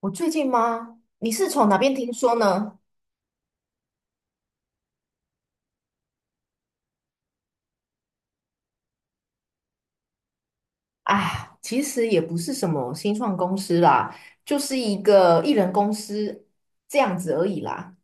我最近吗？你是从哪边听说呢？啊，其实也不是什么新创公司啦，就是一个艺人公司这样子而已啦。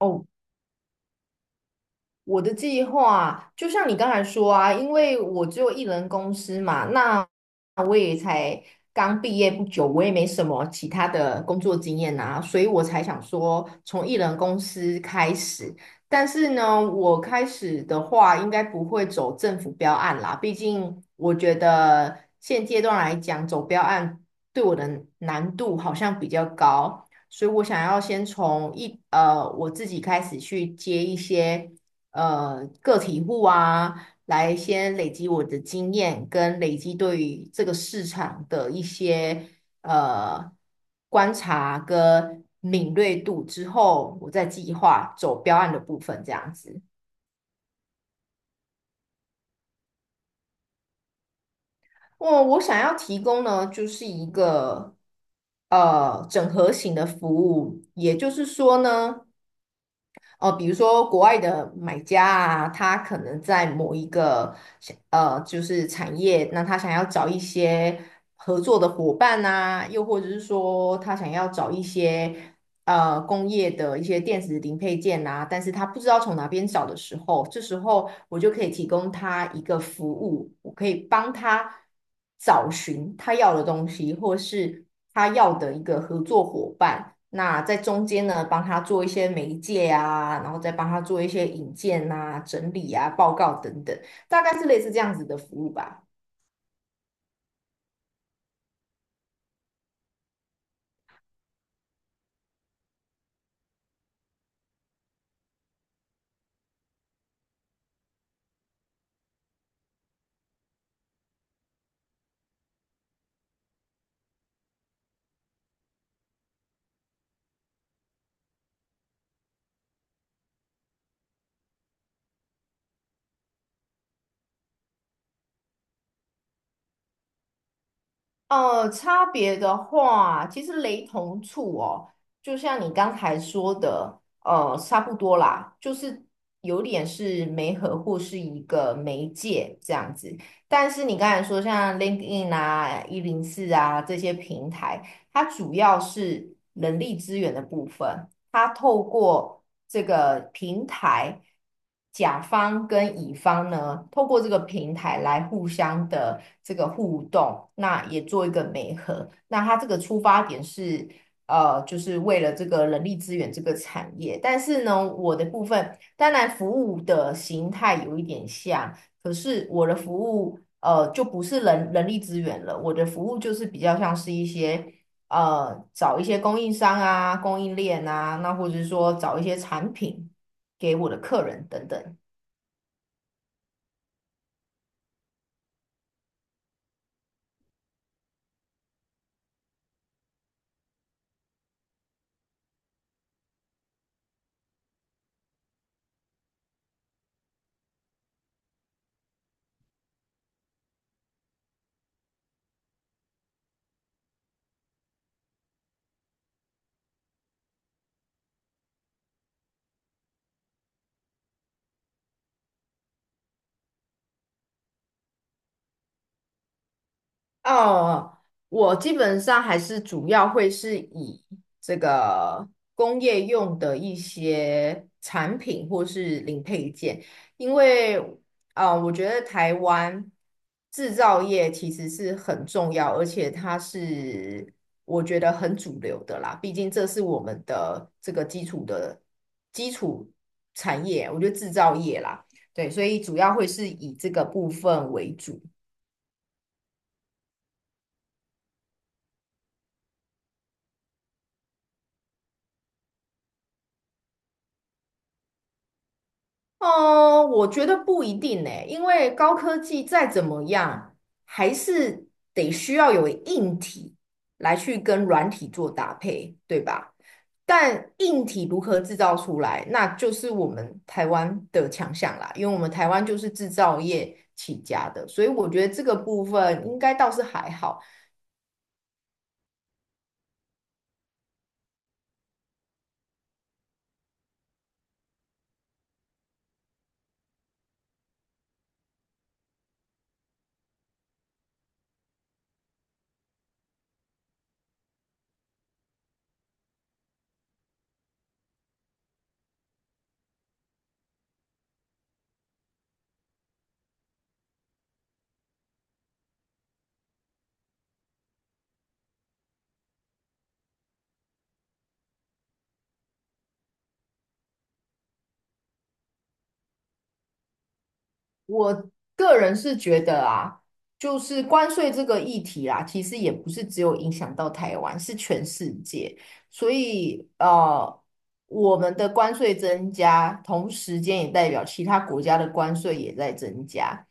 哦。我的计划就像你刚才说啊，因为我只有一人公司嘛，那我也才刚毕业不久，我也没什么其他的工作经验啊，所以我才想说从一人公司开始。但是呢，我开始的话应该不会走政府标案啦，毕竟我觉得现阶段来讲，走标案对我的难度好像比较高。所以我想要先从我自己开始去接一些个体户啊，来先累积我的经验，跟累积对于这个市场的一些呃观察跟敏锐度之后，我再计划走标案的部分，这样子。我想要提供呢，就是一个整合型的服务，也就是说呢。哦，比如说国外的买家啊，他可能在某一个就是产业，那他想要找一些合作的伙伴啊，又或者是说他想要找一些工业的一些电子零配件啊，但是他不知道从哪边找的时候，这时候我就可以提供他一个服务，我可以帮他找寻他要的东西，或是他要的一个合作伙伴。那在中间呢，帮他做一些媒介啊，然后再帮他做一些引荐啊、整理啊、报告等等，大概是类似这样子的服务吧。呃，差别的话，其实雷同处哦，就像你刚才说的，差不多啦，就是有点是媒合或是一个媒介这样子。但是你刚才说像 LinkedIn 啊、一零四啊这些平台，它主要是人力资源的部分。他透过这个平台，甲方跟乙方呢，透过这个平台来互相的这个互动，那也做一个媒合。那他这个出发点是，就是为了这个人力资源这个产业。但是呢，我的部分当然服务的形态有一点像，可是我的服务。就不是人力资源了，我的服务就是比较像是一些找一些供应商啊、供应链啊，那或者是说找一些产品给我的客人等等。哦，我基本上还是主要会是以这个工业用的一些产品或是零配件，因为啊，我觉得台湾制造业其实是很重要，而且它是我觉得很主流的啦，毕竟这是我们的这个基础的基础产业，我觉得制造业啦，对，所以主要会是以这个部分为主。哦，我觉得不一定呢，因为高科技再怎么样，还是得需要有硬体来去跟软体做搭配，对吧？但硬体如何制造出来，那就是我们台湾的强项啦，因为我们台湾就是制造业起家的，所以我觉得这个部分应该倒是还好。我个人是觉得啊，就是关税这个议题啦，其实也不是只有影响到台湾，是全世界。所以我们的关税增加，同时间也代表其他国家的关税也在增加。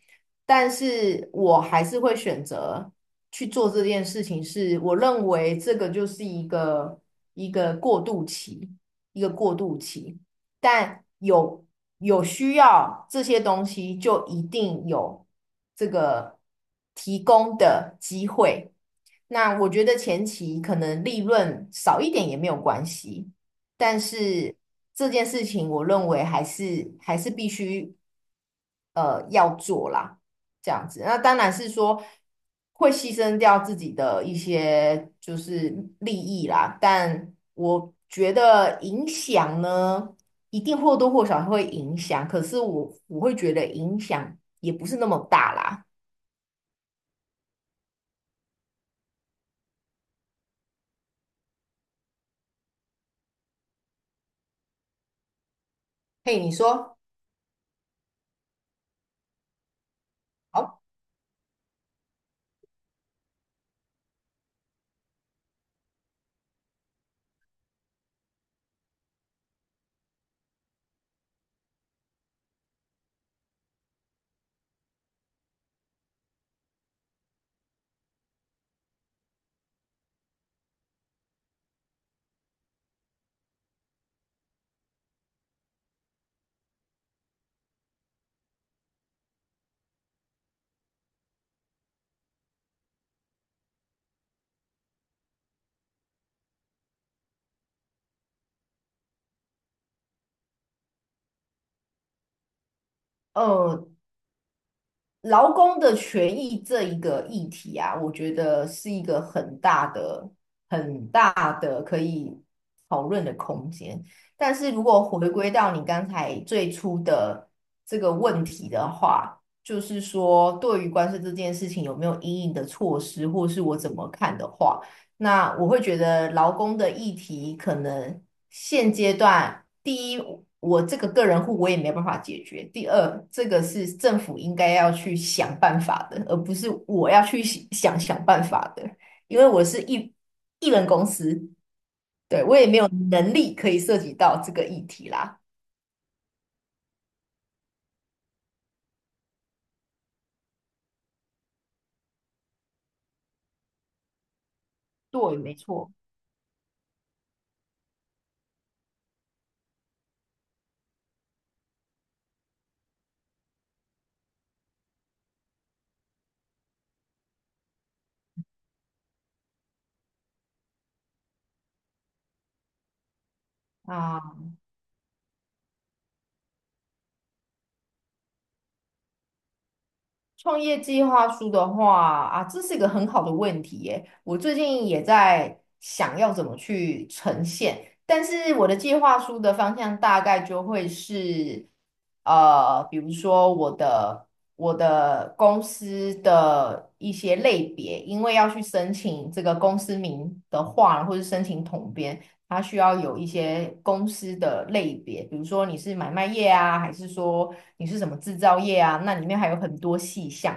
但是我还是会选择去做这件事情是，我认为这个就是一个过渡期，一个过渡期。但有有需要这些东西，就一定有这个提供的机会。那我觉得前期可能利润少一点也没有关系，但是这件事情我认为还是必须要做啦，这样子。那当然是说会牺牲掉自己的一些就是利益啦，但我觉得影响呢。一定或多或少会影响，可是我会觉得影响也不是那么大啦。嘿，你说，好，呃，劳工的权益这一个议题啊，我觉得是一个很大的可以讨论的空间。但是如果回归到你刚才最初的这个问题的话，就是说对于关税这件事情有没有因应的措施，或是我怎么看的话。那我会觉得劳工的议题可能现阶段，第一，我这个个人户我也没办法解决；第二，这个是政府应该要去想办法的，而不是我要去想办法的，因为我是一人公司，对，我也没有能力可以涉及到这个议题啦。对，没错。啊。创业计划书的话啊，这是一个很好的问题耶。我最近也在想要怎么去呈现，但是我的计划书的方向大概就会是，比如说我的公司的一些类别，因为要去申请这个公司名的话，或是申请统编，它需要有一些公司的类别，比如说你是买卖业啊，还是说你是什么制造业啊？那里面还有很多细项。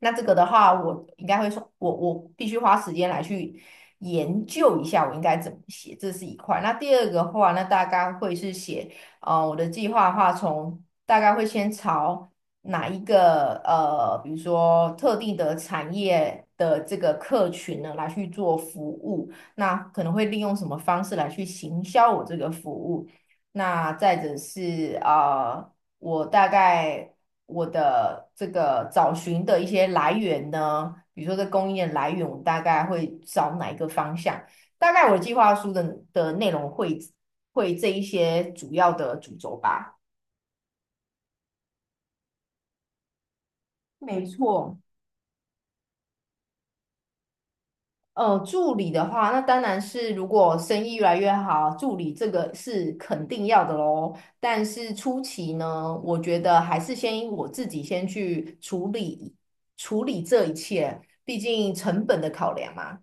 那这个的话，我应该会说，我必须花时间来去研究一下，我应该怎么写，这是一块。那第二个的话，那大概会是写，我的计划的话，从大概会先朝哪一个比如说特定的产业的这个客群呢，来去做服务。那可能会利用什么方式来去行销我这个服务？那再者是我大概我的这个找寻的一些来源呢，比如说这供应链来源，我大概会找哪一个方向？大概我的计划书的内容会这一些主要的主轴吧。没错，助理的话，那当然是如果生意越来越好，助理这个是肯定要的喽。但是初期呢，我觉得还是先我自己先去处理这一切，毕竟成本的考量嘛。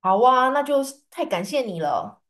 好啊，那就是太感谢你了。